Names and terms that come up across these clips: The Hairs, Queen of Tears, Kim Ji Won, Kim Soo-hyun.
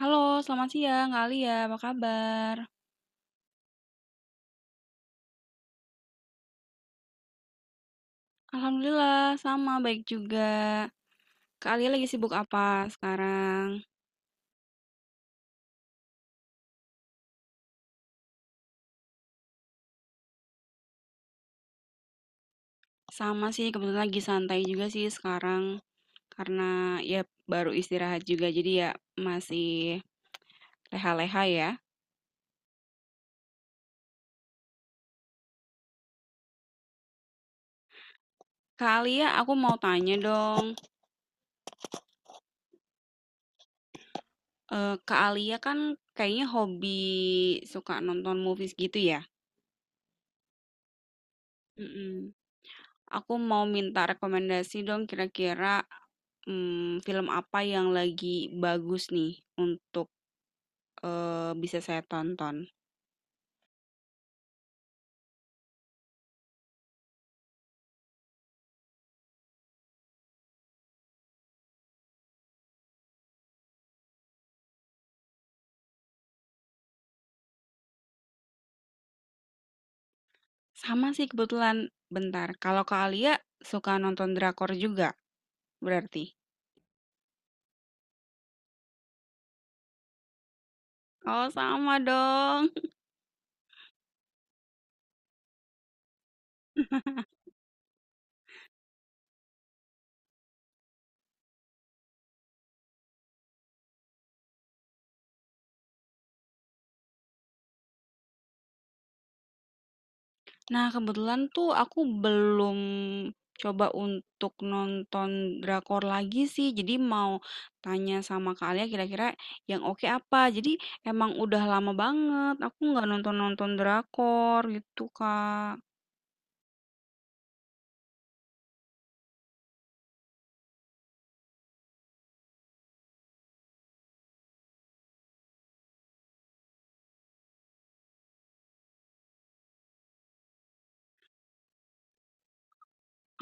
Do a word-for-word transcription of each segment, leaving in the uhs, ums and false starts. Halo, selamat siang Kak Alia, apa kabar? Alhamdulillah, sama baik juga. Kak Alia lagi sibuk apa sekarang? Sama sih, kebetulan lagi santai juga sih sekarang. Karena ya baru istirahat juga, jadi ya masih leha-leha ya. Kak Alia, aku mau tanya dong. Eh, Kak Alia kan kayaknya hobi suka nonton movies gitu ya? Mm-mm. Aku mau minta rekomendasi dong kira-kira Mmm, film apa yang lagi bagus nih untuk, eee, bisa saya tonton? Sama sih kebetulan, bentar, kalau Kak Alia suka nonton drakor juga berarti? Oh sama dong. Nah kebetulan tuh aku belum coba untuk nonton drakor lagi sih, jadi mau tanya sama Kak Alia kira-kira yang oke apa. Jadi emang udah lama banget aku nggak nonton-nonton drakor gitu, Kak.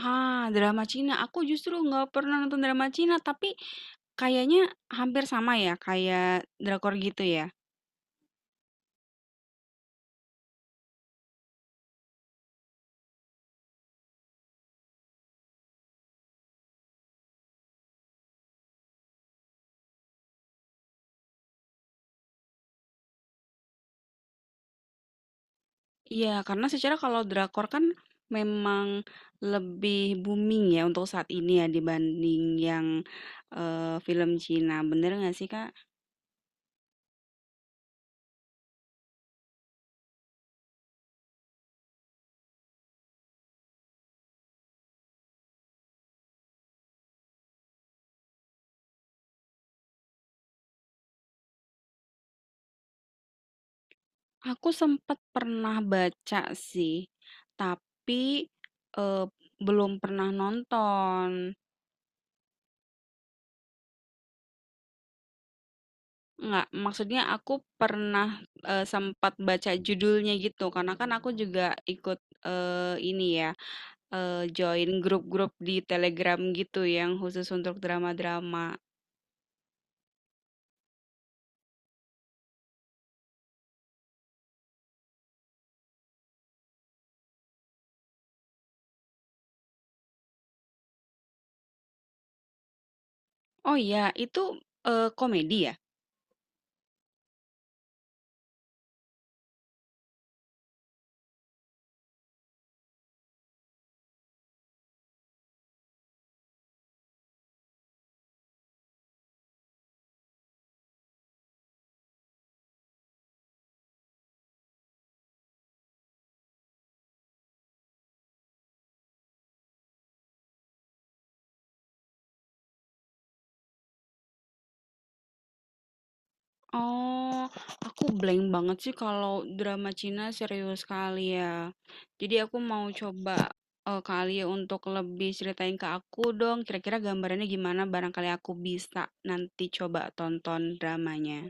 Ah, drama Cina, aku justru nggak pernah nonton drama Cina, tapi kayaknya hampir sama ya, kayak drakor gitu ya? Iya, karena secara kalau drakor kan memang lebih booming ya untuk saat ini ya dibanding yang, eee, film Cina, bener nggak sih, Kak? Aku sempet pernah baca sih, tapi, eee, belum pernah nonton. Enggak, maksudnya aku pernah, eee, sempat baca judulnya gitu, karena kan aku juga ikut, eee, ini ya, eee, join grup-grup di Telegram gitu yang khusus untuk drama-drama. Oh iya, itu, eee, komedi ya? Oh, aku blank banget sih kalau drama Cina serius kali ya. Jadi aku mau coba, eee, kali ya untuk lebih ceritain ke aku dong, kira-kira gambarannya gimana barangkali aku bisa nanti coba tonton dramanya.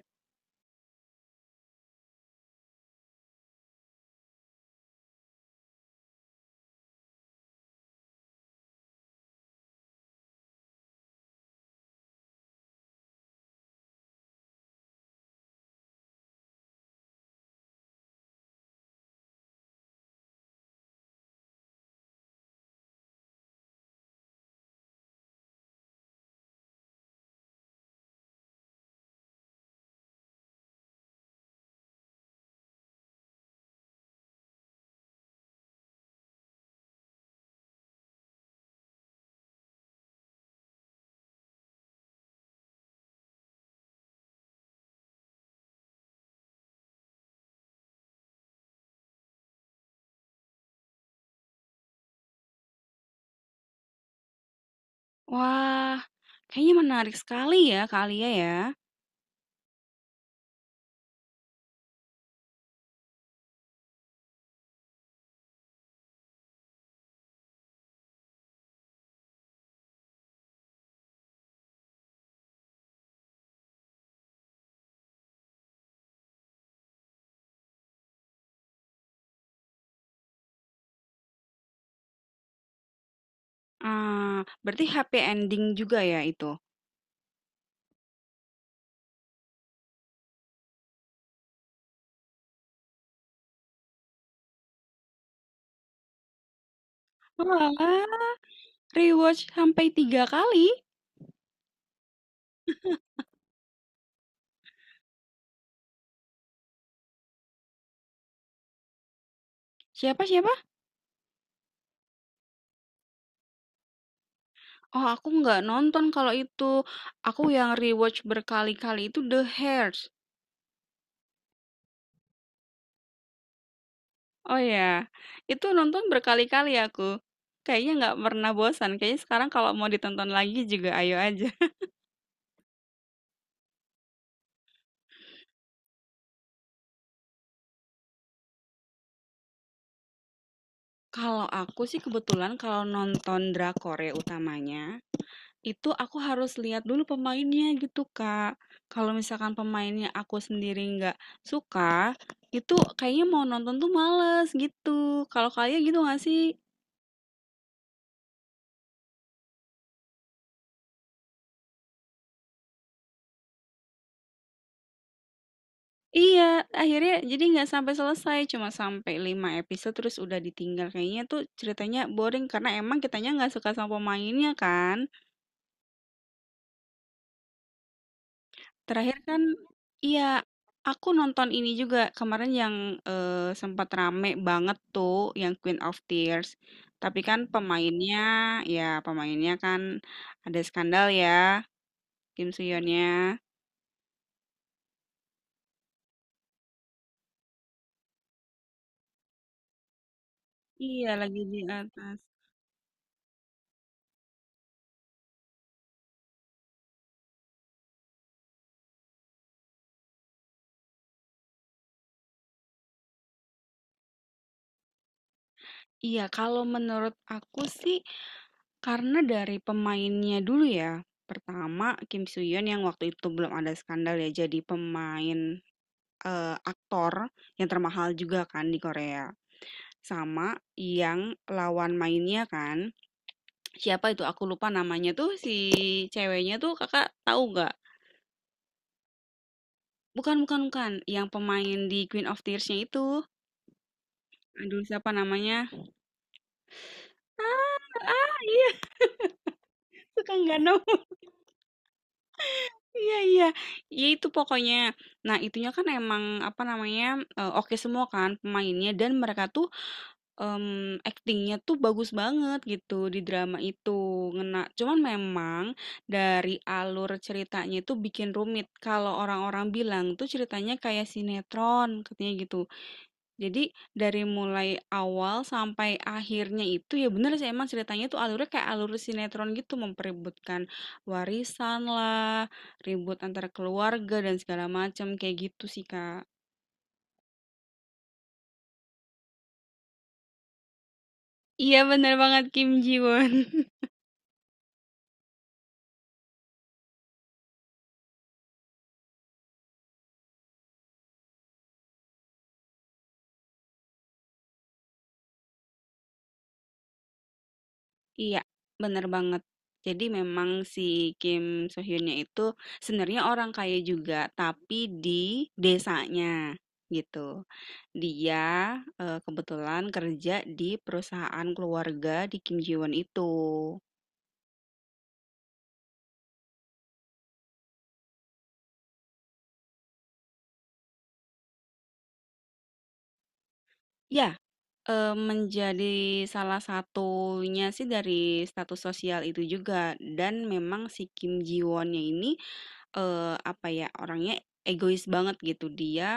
Wah, kayaknya menarik sekali ya, Kak Alia ya. Ah, berarti happy ending juga ya itu? Wah, rewatch sampai tiga kali? Siapa siapa? Oh, aku nggak nonton kalau itu. Aku yang rewatch berkali-kali itu The Hairs. Oh ya, itu nonton berkali-kali aku. Kayaknya nggak pernah bosan. Kayaknya sekarang kalau mau ditonton lagi juga ayo aja. Kalau aku sih kebetulan kalau nonton drakor ya utamanya. Itu aku harus lihat dulu pemainnya gitu, Kak. Kalau misalkan pemainnya aku sendiri nggak suka, itu kayaknya mau nonton tuh males gitu. Kalau kalian gitu nggak sih? Iya, akhirnya jadi nggak sampai selesai, cuma sampai lima episode terus udah ditinggal. Kayaknya tuh ceritanya boring karena emang kitanya nggak suka sama pemainnya kan. Terakhir kan iya, aku nonton ini juga kemarin yang, eee, sempat rame banget tuh yang Queen of Tears. Tapi kan pemainnya ya pemainnya kan ada skandal ya, Kim Soo-hyunnya. Iya, lagi di atas. Iya, kalau menurut aku sih karena dari pemainnya dulu ya. Pertama Kim Soo-hyun yang waktu itu belum ada skandal ya jadi pemain, eee, aktor yang termahal juga kan di Korea. Sama yang lawan mainnya kan, siapa itu aku lupa namanya tuh si ceweknya tuh Kakak tahu nggak? Bukan bukan bukan, yang pemain di Queen of Tears-nya itu. Aduh siapa namanya? Ah ah, iya suka nggak nemu. Iya iya. Ya itu pokoknya. Nah, itunya kan emang apa namanya, eee, oke semua kan pemainnya dan mereka tuh Mmm, aktingnya tuh bagus banget gitu di drama itu, ngena. Cuman memang dari alur ceritanya itu bikin rumit, kalau orang-orang bilang tuh ceritanya kayak sinetron katanya gitu. Jadi dari mulai awal sampai akhirnya itu ya bener sih emang ceritanya tuh alurnya kayak alur sinetron gitu, memperebutkan warisan lah, ribut antara keluarga dan segala macam, kayak gitu sih, Kak. Iya bener banget, Kim Ji Won. Iya, bener banget. Jadi memang si Kim So Hyunnya itu sebenarnya orang kaya juga, tapi di desanya gitu. Dia eh, kebetulan kerja di perusahaan keluarga di Kim Ji Won itu. Ya, eh, menjadi salah satunya sih dari status sosial itu juga. Dan memang si Kim Ji Wonnya ini eh, apa ya orangnya egois banget gitu dia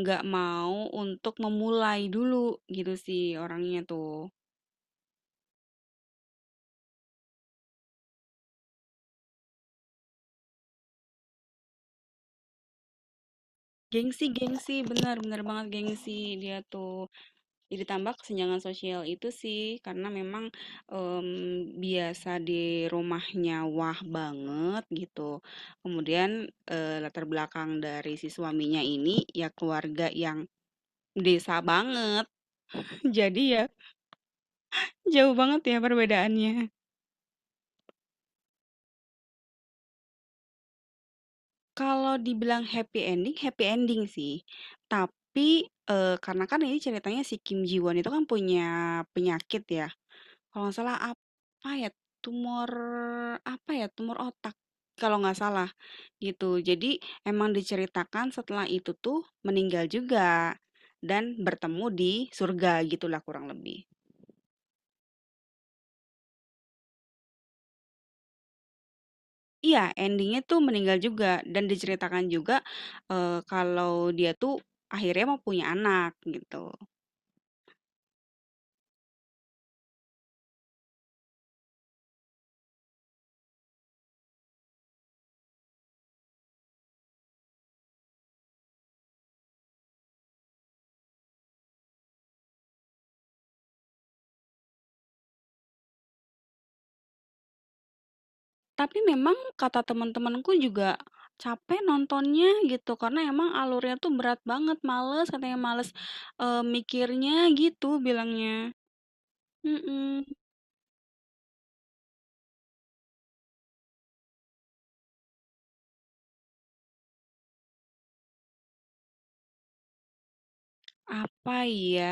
Nggak mau untuk memulai dulu gitu sih orangnya tuh. Gengsi gengsi, bener bener banget gengsi dia tuh. Jadi tambah kesenjangan sosial itu sih karena memang, mmm, biasa di rumahnya wah banget gitu. Kemudian, eee, latar belakang dari si suaminya ini ya keluarga yang desa banget. Jadi ya jauh banget ya perbedaannya. Kalau dibilang happy ending, happy ending sih. Tapi, eee, karena kan ini ceritanya si Kim Ji Won itu kan punya penyakit ya, kalau nggak salah apa ya, tumor apa ya, tumor otak kalau nggak salah gitu. Jadi emang diceritakan setelah itu tuh meninggal juga dan bertemu di surga gitulah kurang lebih. Iya endingnya tuh meninggal juga dan diceritakan juga, eee, kalau dia tuh akhirnya mau punya anak gitu. Tapi memang kata teman-temanku juga capek nontonnya gitu, karena emang alurnya tuh berat banget, males katanya, "Males, eee, mikirnya," gitu bilangnya. Mhm. Apa ya?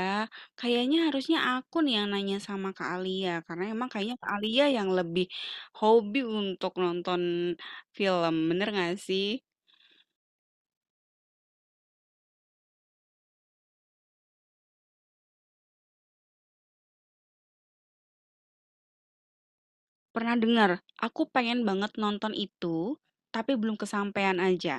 Kayaknya harusnya aku nih yang nanya sama Kak Alia, karena emang kayaknya Kak Alia yang lebih hobi untuk nonton film, bener nggak sih? Pernah dengar, "Aku pengen banget nonton itu, tapi belum kesampaian aja."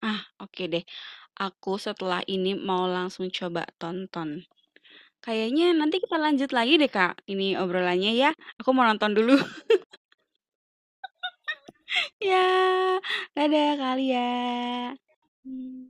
Ah, oke deh. Aku setelah ini mau langsung coba tonton. Kayaknya nanti kita lanjut lagi deh, Kak, ini obrolannya ya. Aku mau nonton dulu. Ya, dadah Kak Lia. Hmm.